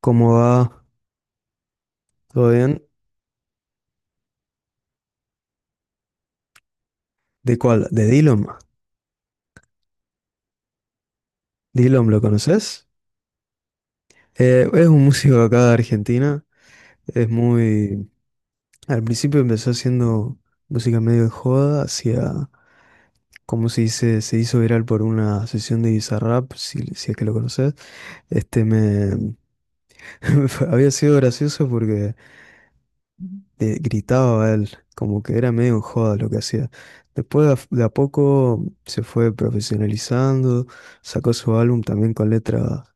¿Cómo va? ¿Todo bien? ¿De cuál? ¿De Dillom? ¿Dillom lo conoces? Es un músico acá de Argentina. Es muy... Al principio empezó haciendo música medio de joda, hacia... Como se dice, se hizo viral por una sesión de Bizarrap, si es que lo conoces. Este me... Había sido gracioso porque gritaba él, como que era medio en joda lo que hacía. Después de a poco se fue profesionalizando, sacó su álbum también con letras,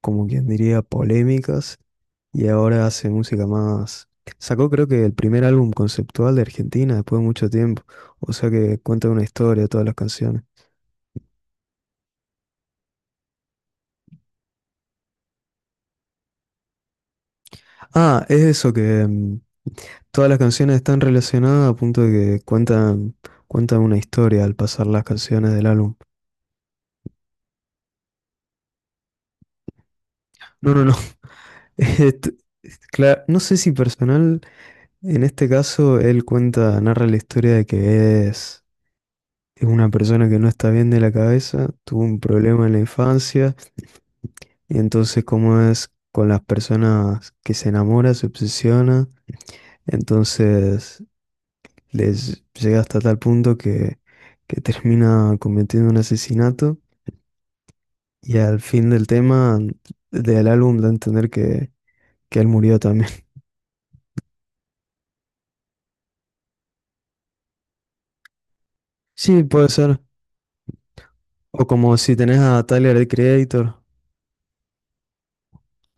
como quien diría, polémicas, y ahora hace música más... Sacó, creo que, el primer álbum conceptual de Argentina después de mucho tiempo, o sea que cuenta una historia todas las canciones. Ah, es eso que todas las canciones están relacionadas a punto de que cuentan una historia al pasar las canciones del álbum. No, no, no. Est- no sé si personal, en este caso él cuenta, narra la historia de que es... Es una persona que no está bien de la cabeza, tuvo un problema en la infancia. Y entonces, como es con las personas que se enamora, se obsesiona, entonces les llega hasta tal punto que termina cometiendo un asesinato, y al fin del tema del álbum da a entender que él murió también. Sí, puede ser. O como si tenés a Tyler the Creator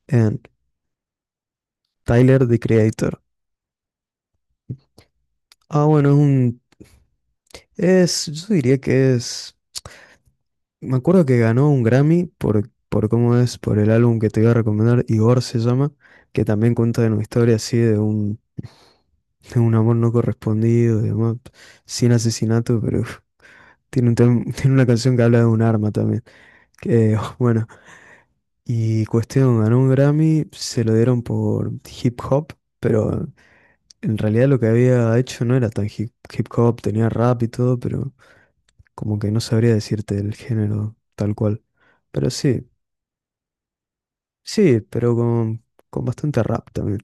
en Tyler the Creator. Ah, bueno, es un... Es, yo diría que es... Me acuerdo que ganó un Grammy por cómo es, por el álbum que te iba a recomendar, Igor se llama, que también cuenta de una historia así de un amor no correspondido, de amor sin asesinato, pero uf, tiene un tiene una canción que habla de un arma también. Que, bueno, y cuestión, ganó un Grammy, se lo dieron por hip hop, pero en realidad lo que había hecho no era tan hip hop, tenía rap y todo, pero como que no sabría decirte el género tal cual. Pero sí. Sí, pero con bastante rap también.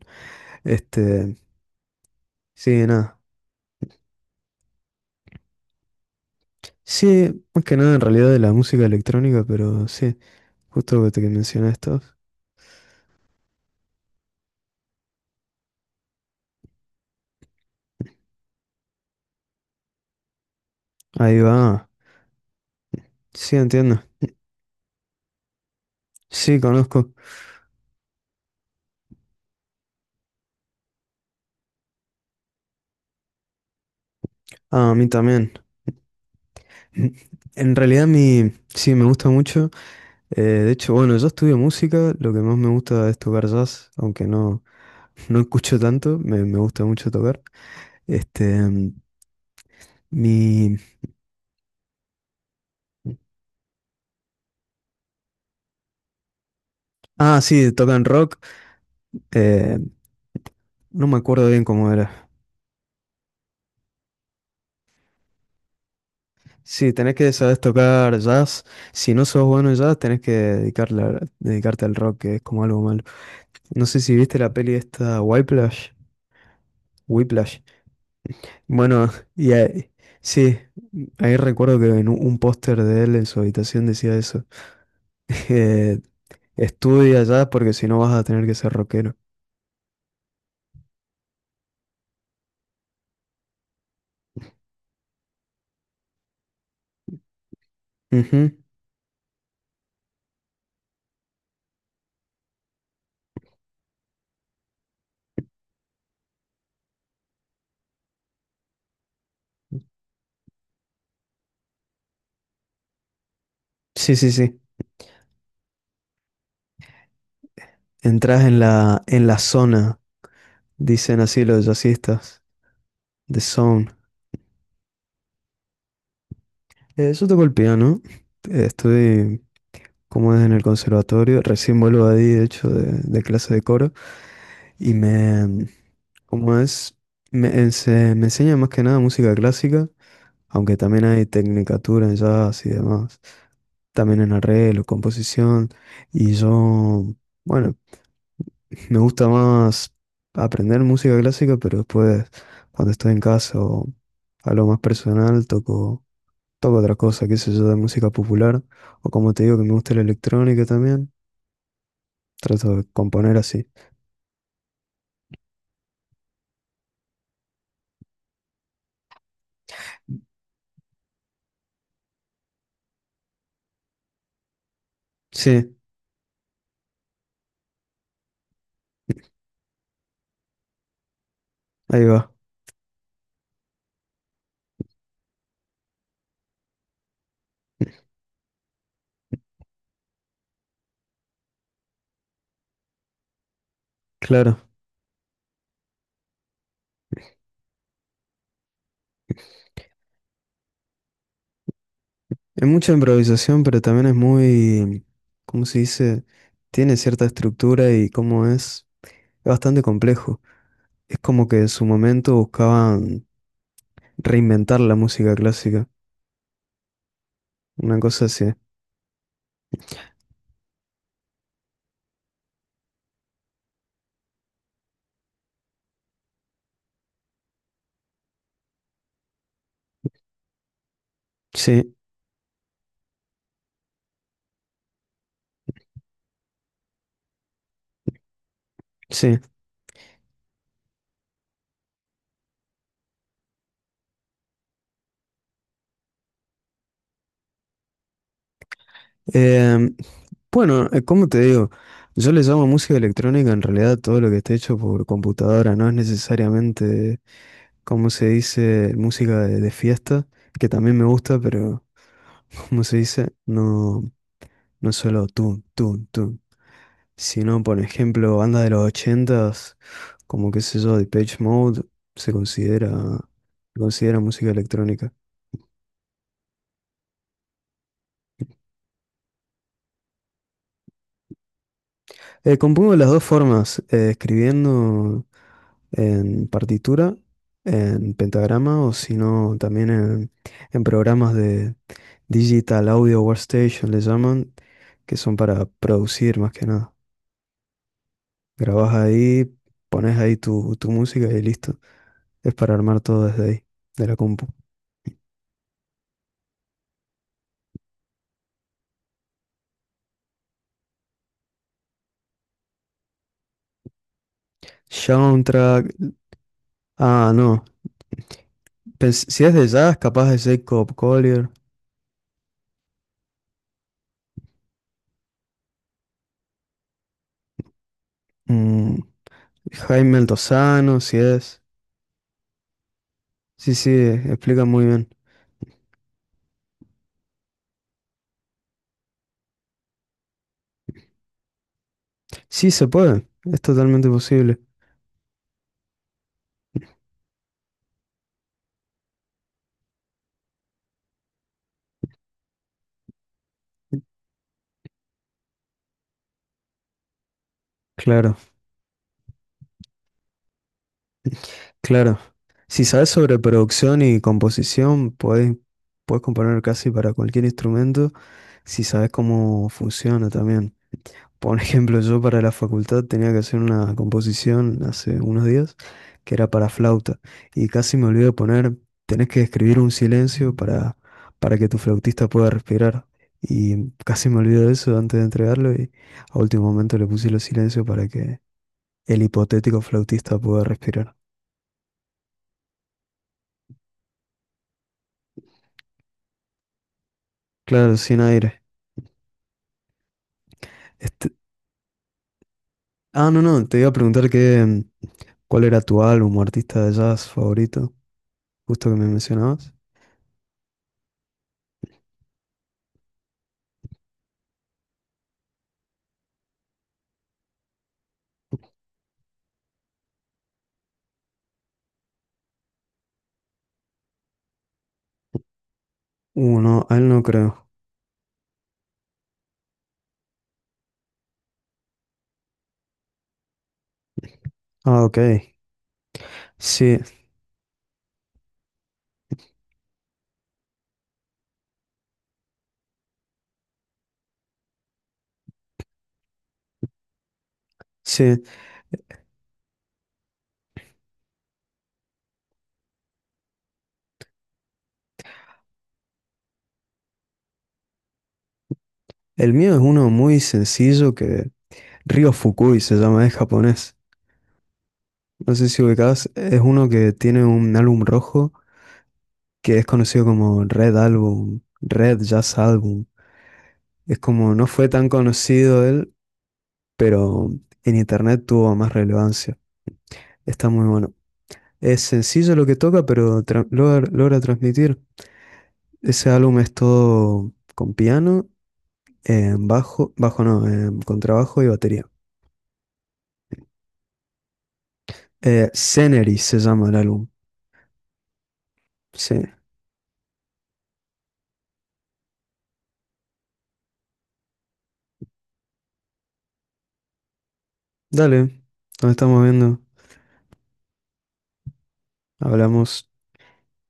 Este, sí, nada. Sí, más que nada en realidad de la música electrónica, pero sí, justo que te que mencionaste. Ahí va. Sí, entiendo. Sí, conozco. Ah, a mí también. N- En realidad mi, sí, me gusta mucho. De hecho, bueno, yo estudio música, lo que más me gusta es tocar jazz, aunque no, no escucho tanto, me gusta mucho tocar. Este, mm, mi... Ah, sí, tocan rock. Eh, no me acuerdo bien cómo era. Sí, tenés que saber tocar jazz. Si no sos bueno en jazz, tenés que dedicarle, dedicarte al rock, que es como algo malo. No sé si viste la peli esta, Whiplash. Whiplash. Bueno, y ahí- sí, ahí recuerdo que en un póster de él en su habitación decía eso. Eh, Estudia jazz porque si no vas a tener que ser rockero. Ujú. Sí, sí, sí. Entras en la zona, dicen así los jazzistas. The Zone. Eso toco el piano. Estuve, como es, en el conservatorio. Recién vuelvo de ahí, de hecho, de clase de coro. Y me, como es, me, me enseña más que nada música clásica, aunque también hay tecnicatura en jazz y demás. También en arreglo, composición. Y yo, bueno, me gusta más aprender música clásica, pero después, cuando estoy en casa o a lo más personal, toco otra cosa, qué sé yo, de música popular, o como te digo que me gusta la electrónica también, trato de componer así. Sí, ahí va, claro. Es mucha improvisación, pero también es muy, ¿cómo se dice? Tiene cierta estructura y, como es bastante complejo. Es como que en su momento buscaban reinventar la música clásica, una cosa así. Sí, sí. Em, Bueno, como te digo, yo le llamo música electrónica en realidad a todo lo que esté hecho por computadora, no es necesariamente, como se dice, música de fiesta, que también me gusta, pero como se dice, no, no solo tun, tun, tun, sino por ejemplo, bandas de los ochentas, como qué sé yo, Depeche Mode, se considera, se considera música electrónica. Compongo de las dos formas, escribiendo. En partitura, en pentagrama o si no también en programas de Digital Audio Workstation le llaman, que son para producir más que nada. Grabás ahí, pones ahí tu, tu música y listo. Es para armar todo desde ahí, de la compu. Soundtrack, ah no, si es de jazz, capaz de Jacob Collier, mm, Jaime Altozano, si es. Sí, sí, explica muy bien. Sí, se puede, es totalmente posible. Claro. Claro, si sabes sobre producción y composición, puedes, puedes componer casi para cualquier instrumento si sabes cómo funciona también. Por ejemplo, yo para la facultad tenía que hacer una composición hace unos días que era para flauta y casi me olvidé de poner, tenés que escribir un silencio para que tu flautista pueda respirar. Y casi me olvidé de eso antes de entregarlo y a último momento le puse los silencios para que el hipotético flautista pueda respirar. Claro, sin aire. Ah, no, no, te iba a preguntar qué, cuál era tu álbum o artista de jazz favorito, justo que me mencionabas. No, a él no creo. Ah, ok. Sí, sí. El mío es uno muy sencillo que Ryo Fukui se llama, es japonés. No sé si ubicás, es uno que tiene un álbum rojo que es conocido como Red Album, Red Jazz Album. Es como, no fue tan conocido él, pero en internet tuvo más relevancia. Está muy bueno. Es sencillo lo que toca, pero logra transmitir. Ese álbum es todo con piano, bajo, bajo no, contrabajo y batería. Scenery se llama el álbum. Sí. Dale, nos estamos viendo. Hablamos.